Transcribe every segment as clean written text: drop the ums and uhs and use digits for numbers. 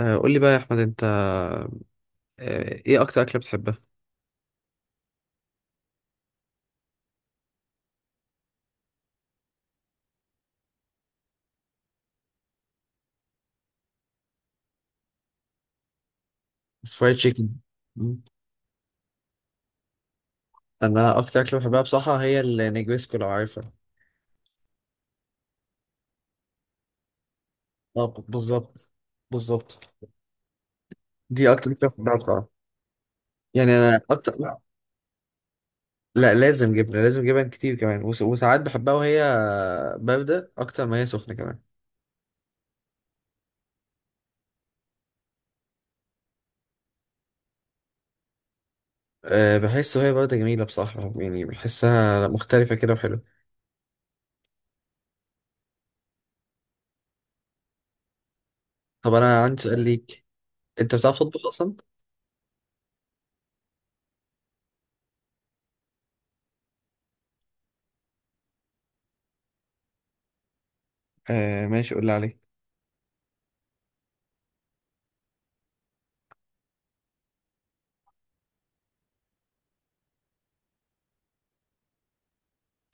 قول لي بقى يا احمد انت، ايه اكتر اكله بتحبها؟ فرايد تشيكن. مم. انا اكتر اكله بحبها بصراحه، هي النجويسكو لو عارفها. اه، بالظبط بالظبط. دي اكتر اكله بحبها بصراحه، يعني انا اكتر. لا، لازم جبنه، لازم جبن كتير كمان، وساعات بحبها وهي بارده اكتر ما هي سخنه كمان. أه، بحس وهي بارده جميله بصراحه، يعني بحسها مختلفه كده وحلوه. طب انا عندي سؤال ليك، انت بتعرف تطبخ اصلا؟ أه ماشي، قول لي عليه.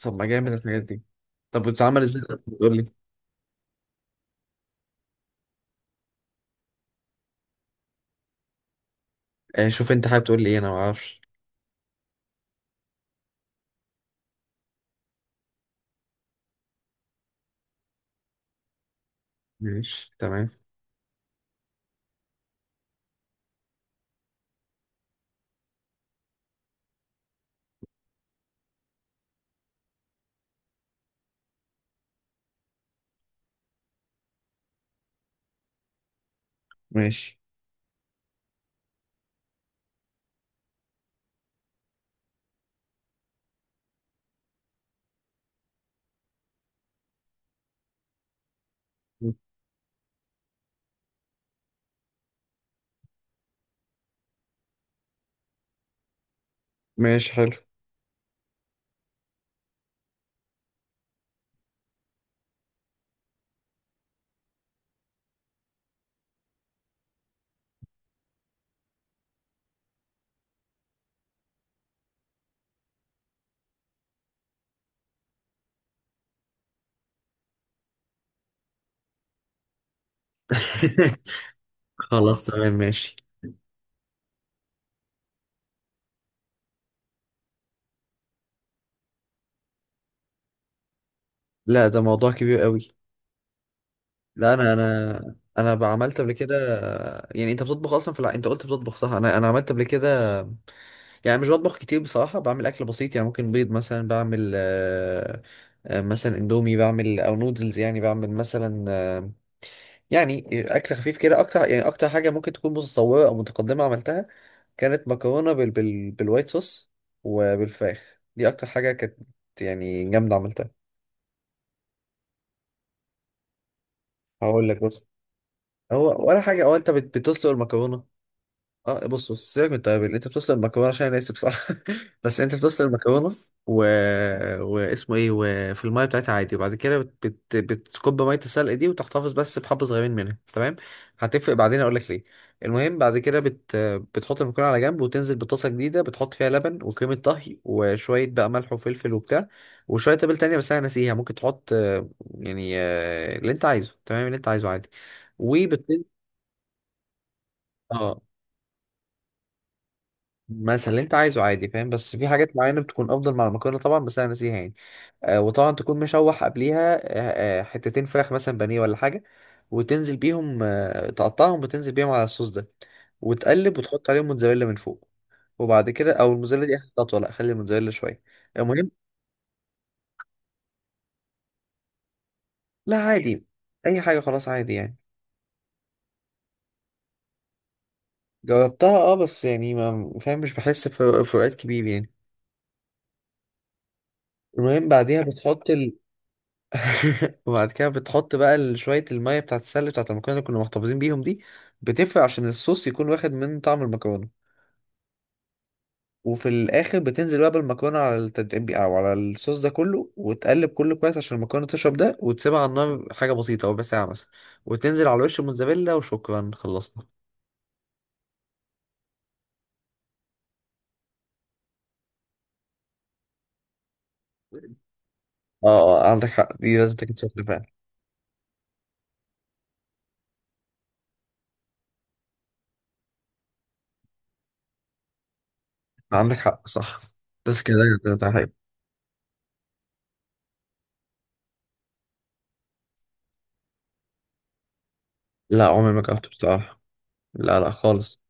طب ما جامد الحاجات دي. طب بتتعمل ازاي، بتقول لي؟ آه، شوف انت حابب تقول لي ايه، انا ما اعرفش. ماشي تمام. ماشي ماشي حلو. خلاص تمام ماشي. لا، ده موضوع كبير قوي. لا، انا بعملت قبل كده. يعني انت بتطبخ اصلا، فلا انت قلت بتطبخ صح، انا عملت قبل كده. يعني مش بطبخ كتير بصراحه، بعمل اكل بسيط، يعني ممكن بيض مثلا بعمل. مثلا اندومي بعمل او نودلز، يعني بعمل مثلا. يعني اكل خفيف كده اكتر، يعني اكتر حاجه ممكن تكون متطوره او متقدمه عملتها. كانت مكرونه بالوايت صوص، وبالفراخ. دي اكتر حاجه كانت، يعني جامده عملتها. هقول لك، بص. هو ولا حاجه، هو انت بتسلق المكرونه. اه بص بص، سيبك من التوابل، انت بتوصل المكرونه، عشان انا اسف بصراحه بس انت بتوصل المكرونه. و... واسمه ايه، وفي الميه بتاعتها عادي، وبعد كده بتكب ميه السلق دي وتحتفظ بس بحبه صغيرين منها، تمام. هتفرق، بعدين اقول لك ليه. المهم بعد كده بتحط المكرونه على جنب، وتنزل بطاسه جديده بتحط فيها لبن وكريمه طهي وشويه بقى ملح وفلفل وبتاع. وشويه تابل تانية، بس انا ناسيها، ممكن تحط، يعني اللي انت عايزه، تمام اللي انت عايزه عادي. وبت اه مثلا اللي انت عايزه عادي، فاهم؟ بس في حاجات معينه بتكون افضل مع المكرونه طبعا، بس انا ناسيها يعني. وطبعا تكون مشوح قبليها، حتتين فراخ مثلا بانيه ولا حاجه. وتنزل بيهم تقطعهم، وتنزل بيهم على الصوص ده. وتقلب وتحط عليهم موتزاريلا من فوق. وبعد كده، او الموتزاريلا دي اخر خطوه، لا خلي الموتزاريلا شويه. المهم، لا عادي. اي حاجه خلاص، عادي يعني. جربتها اه، بس يعني ما فاهم، مش بحس بفروقات كبير يعني. المهم بعديها بتحط وبعد كده بتحط بقى شوية المية بتاعت السلة بتاعت المكرونة اللي كنا محتفظين بيهم دي. بتفرق عشان الصوص يكون واخد من طعم المكرونة. وفي الآخر بتنزل بقى بالمكرونة على التتبيل أو على الصوص ده كله، وتقلب كله كويس عشان المكرونة تشرب ده، وتسيبها على النار حاجة بسيطة، ربع ساعة مثلا. وتنزل على وش الموتزاريلا، وشكرا خلصنا. اه عندك حق، دي لازم تاكل سخنة فعلا. عندك حق صح، بس كده. كده ده حاجة. لا، عمري ما جربته بصراحة. لا لا خالص.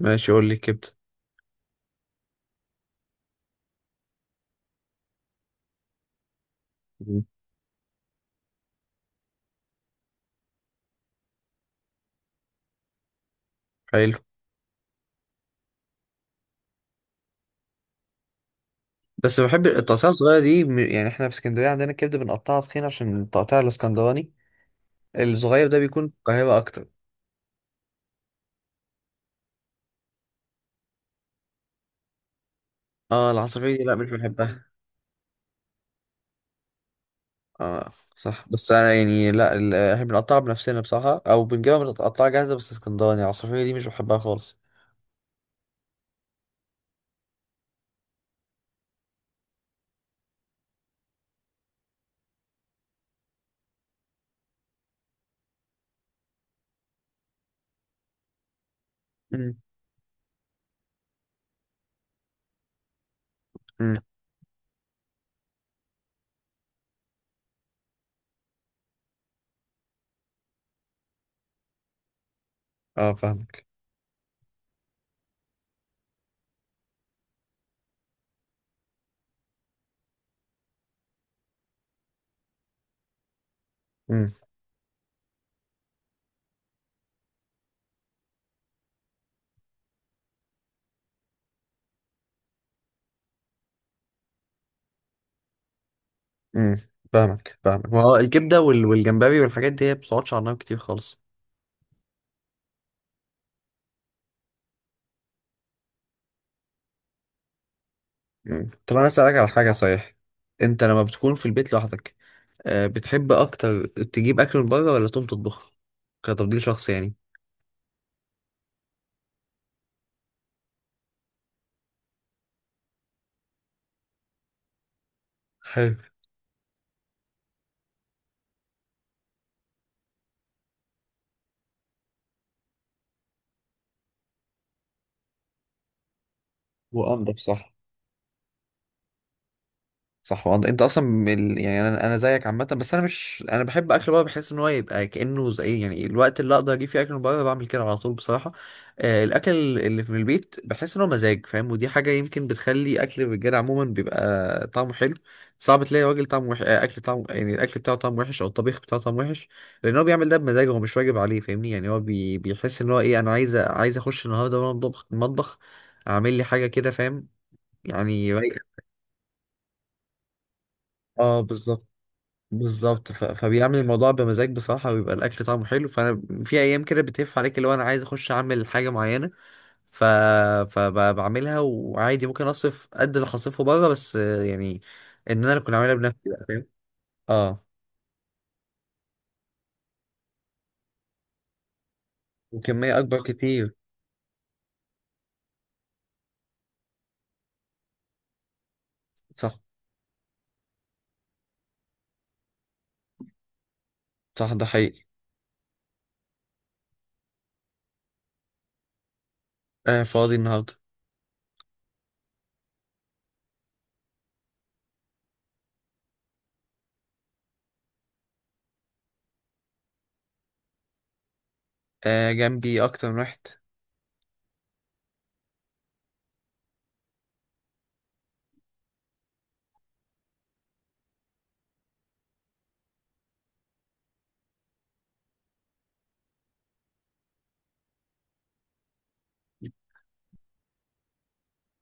ماشي، قول لي كبدة. مم. حلو. بس بحب التقطيعة الصغيرة دي يعني احنا في اسكندرية عندنا الكبدة بنقطعها تخين، عشان التقطيع الاسكندراني الصغير ده بيكون في القاهرة أكتر. اه، العصافير دي لا، مش بنحبها. اه صح، بس أنا يعني لا، احنا بنقطعها بنفسنا بصراحة أو بنجيبها متقطعة جاهزة، بس اسكندراني العصافير دي مش بحبها خالص. امم امم. اه فاهمك. امم امم. فاهمك فاهمك، ما هو الكبدة والجمبري والحاجات دي هي ما بتقعدش على النار كتير خالص. مم. طب انا اسالك على حاجه، صحيح. انت لما بتكون في البيت لوحدك، بتحب اكتر تجيب اكل من بره ولا تقوم تطبخه، كتفضيل شخصي يعني؟ حلو وانضف، صح. صح، وانت اصلا من يعني انا زيك عامه، بس انا مش، انا بحب اكل بره، بحس ان هو يبقى كانه زي يعني الوقت اللي اقدر اجيب فيه اكل من بره بعمل كده على طول بصراحه. الاكل اللي في البيت، بحس ان هو مزاج، فاهم؟ ودي حاجه يمكن بتخلي اكل الرجاله عموما بيبقى طعمه حلو. صعب تلاقي راجل طعمه وحش، اكل طعمه، يعني الاكل بتاعه طعمه وحش او الطبيخ بتاعه طعمه وحش. لان هو بيعمل ده بمزاج، هو مش واجب عليه، فاهمني، يعني هو بيحس ان هو ايه، انا عايز اخش النهارده المطبخ المطبخ، اعمل لي حاجه كده فاهم. يعني رايقة. اه بالظبط بالظبط، فبيعمل الموضوع بمزاج بصراحة، ويبقى الأكل طعمه حلو، فأنا في أيام كده بتهف عليك اللي هو أنا عايز أخش أعمل حاجة معينة. ف... فبعملها وعادي ممكن أصرف قد اللي هصرفه بره، بس يعني إن أنا كنت أعملها بنفسي بقى فاهم. أه، وكمية أكبر كتير. صح صح، ده حقيقي. آه، فاضي النهاردة. آه، جنبي أكتر من واحد.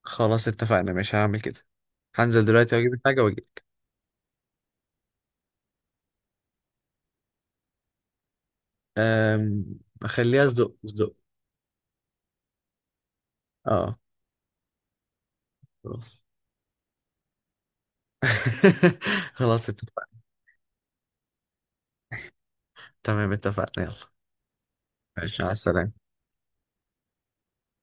خلاص اتفقنا، مش هعمل كده. هنزل دلوقتي وأجيب الحاجة وأجي. أم... أخليها صدق صدق. أه خلاص خلاص اتفقنا. تمام اتفقنا، يلا. ماشي، مع السلامة.